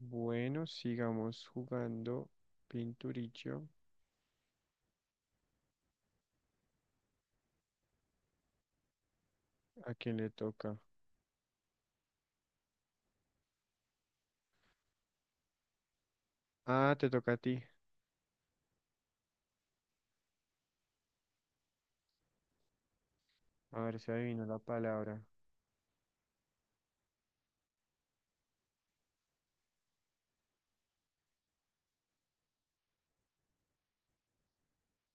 Bueno, sigamos jugando pinturillo. ¿A quién le toca? Ah, te toca a ti. A ver si adivino la palabra.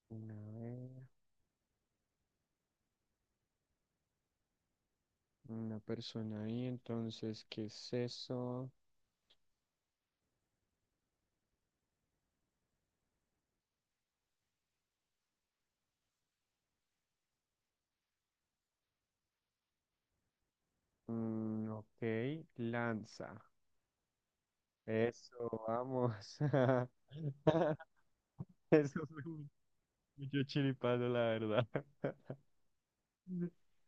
Una, vez, una persona ahí, entonces, ¿qué es eso? Ok, lanza. Eso, vamos. Eso fue mucho chiripazo, la verdad.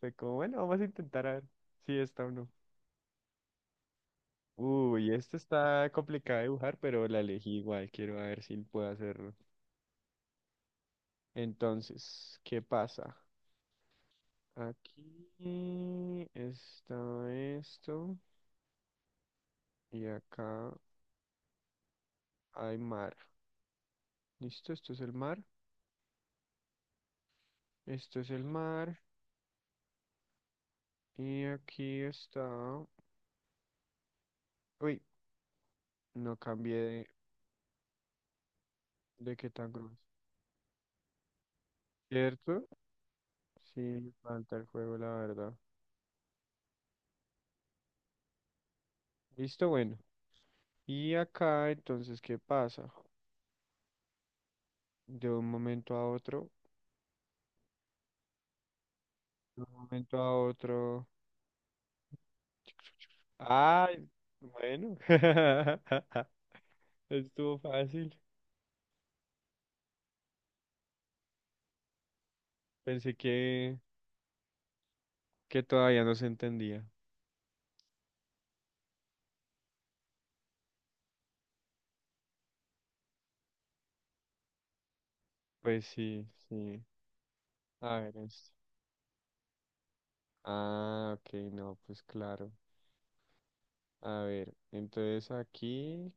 Fue como, bueno, vamos a intentar a ver si está o no. Uy, esto está complicado de dibujar, pero la elegí igual. Quiero ver si puedo hacerlo. Entonces, ¿qué pasa? Aquí está esto y acá hay mar. ¿Listo? Esto es el mar. Esto es el mar. Y aquí está... Uy, no cambié de qué tan grueso. ¿Cierto? Sí, me falta el juego, la verdad. Listo, bueno. Y acá entonces, ¿qué pasa? De un momento a otro. De un momento a otro. Ay, bueno. Estuvo fácil. Pensé que todavía no se entendía. Pues sí, sí. A ver, ah, ok, no, pues claro. A ver, entonces aquí.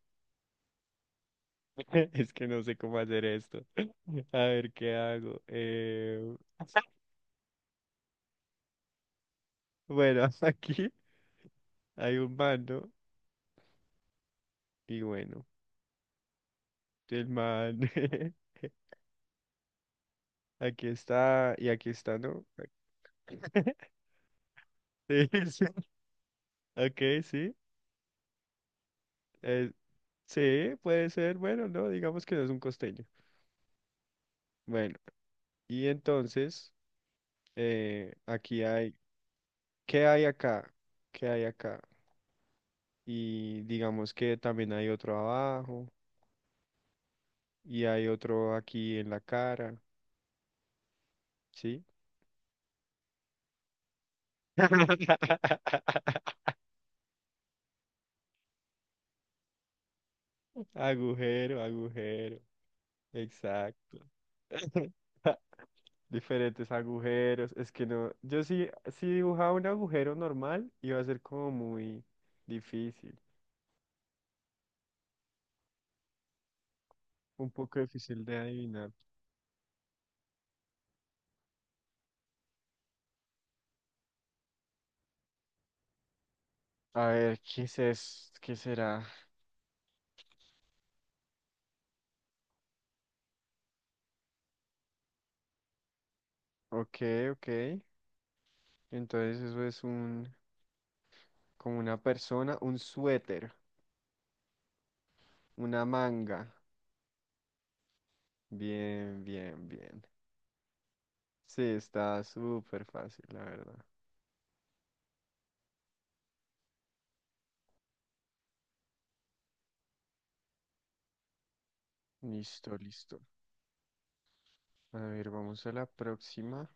Es que no sé cómo hacer esto. A ver, ¿qué hago? Bueno, aquí hay un mando y bueno, el man aquí está y aquí está, ¿no? Sí, sí. Ok, sí. eh, sí, puede ser. Bueno, no, digamos que no es un costeño. Bueno, y entonces, aquí hay, ¿qué hay acá? ¿Qué hay acá? Y digamos que también hay otro abajo y hay otro aquí en la cara, ¿sí? Agujero, agujero, exacto. Diferentes agujeros. Es que no, yo sí, si dibujaba un agujero normal, iba a ser como muy difícil, un poco difícil de adivinar. A ver, ¿qué es ¿Qué será? Ok, ok. Entonces eso es un, como una persona, un suéter, una manga. Bien, bien, bien. Sí, está súper fácil, la verdad. Listo, listo. A ver, vamos a la próxima.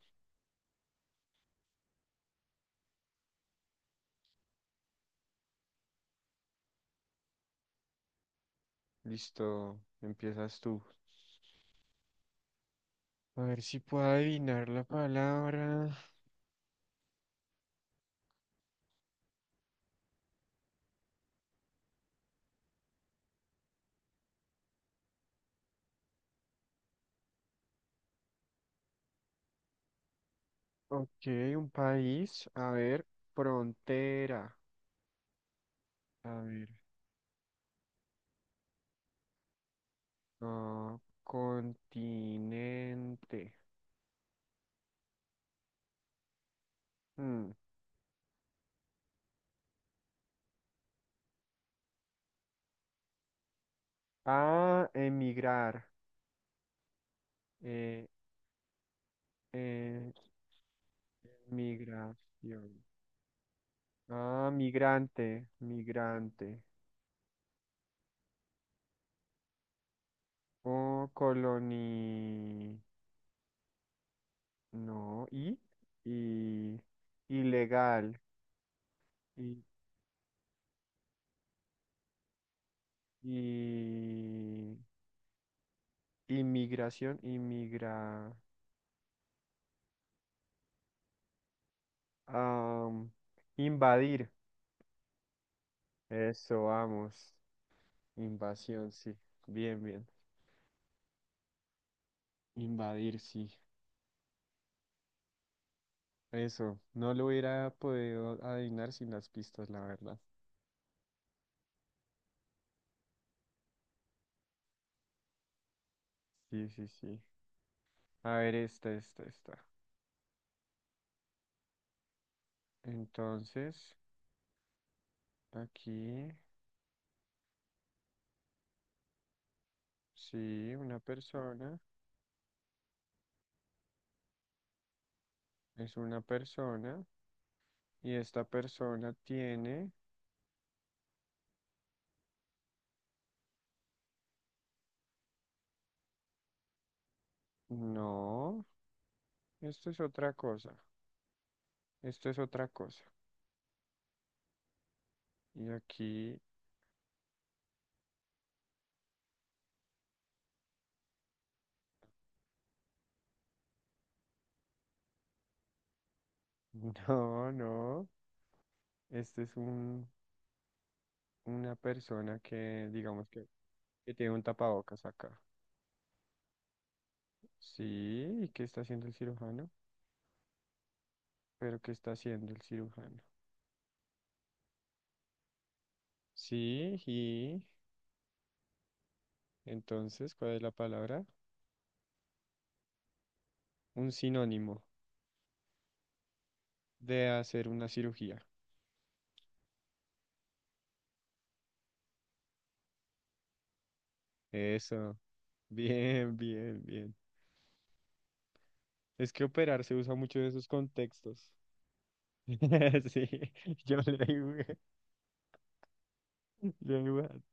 Listo, empiezas tú. A ver si puedo adivinar la palabra. Ok, un país. A ver, frontera. A ver, ah, continente. Mm, Ah, emigrar. Eh, eh, migración. Ah, migrante, migrante. O coloni... No, y ilegal. Y, y inmigración, inmigra. am, invadir. Eso, vamos. Invasión, sí. Bien, bien. Invadir, sí. Eso. No lo hubiera podido adivinar sin las pistas, la verdad. Sí, sí, sí. A ver, esta, esta, esta. Entonces, aquí, sí, una persona. Es una persona. Y esta persona tiene. No, esto es otra cosa. Esto es otra cosa. Y aquí no, no. Este es un, una persona que, digamos que tiene un tapabocas acá. Sí, ¿y qué está haciendo el cirujano? ¿Pero qué está haciendo el cirujano? Sí, y entonces, ¿cuál es la palabra? Un sinónimo de hacer una cirugía. Eso. Bien, bien, bien. Es que operar se usa mucho en esos contextos. Sí, yo le digo. Yo le digo.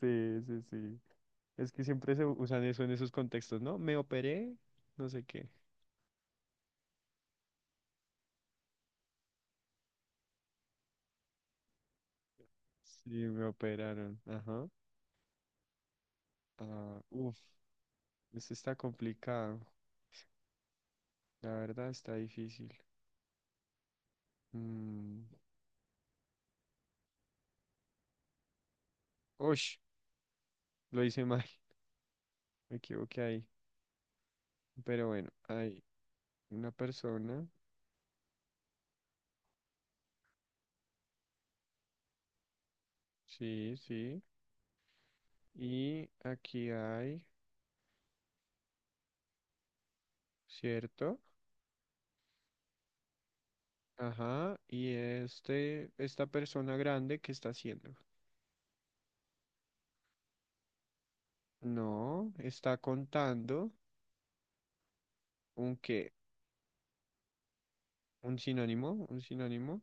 Sí, sí, sí. Es que siempre se usan eso en esos contextos, ¿no? Me operé, no sé qué. Sí, me operaron. Ajá. Ah, uf, esto está complicado. La verdad está difícil. Mm, ush, lo hice mal. Me equivoqué ahí. Pero bueno, hay una persona. Sí, sí. Y aquí hay, ¿cierto? Ajá. Y este, esta persona grande, ¿qué está haciendo? No, está contando un qué. Un sinónimo, un sinónimo.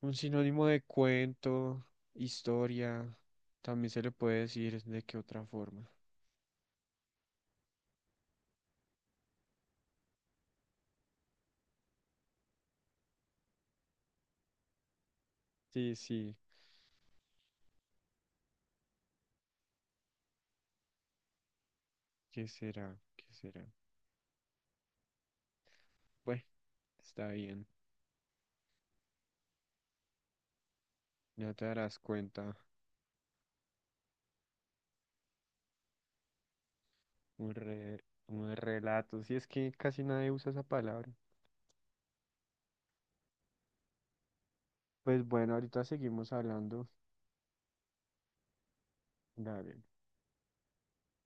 Un sinónimo de cuento, historia. También se le puede decir de qué otra forma. Sí, sí. ¿Qué será? ¿Qué será? Bueno, está bien. Ya te darás cuenta. Un re- un relato. Si es que casi nadie usa esa palabra. Pues bueno, ahorita seguimos hablando. Dale.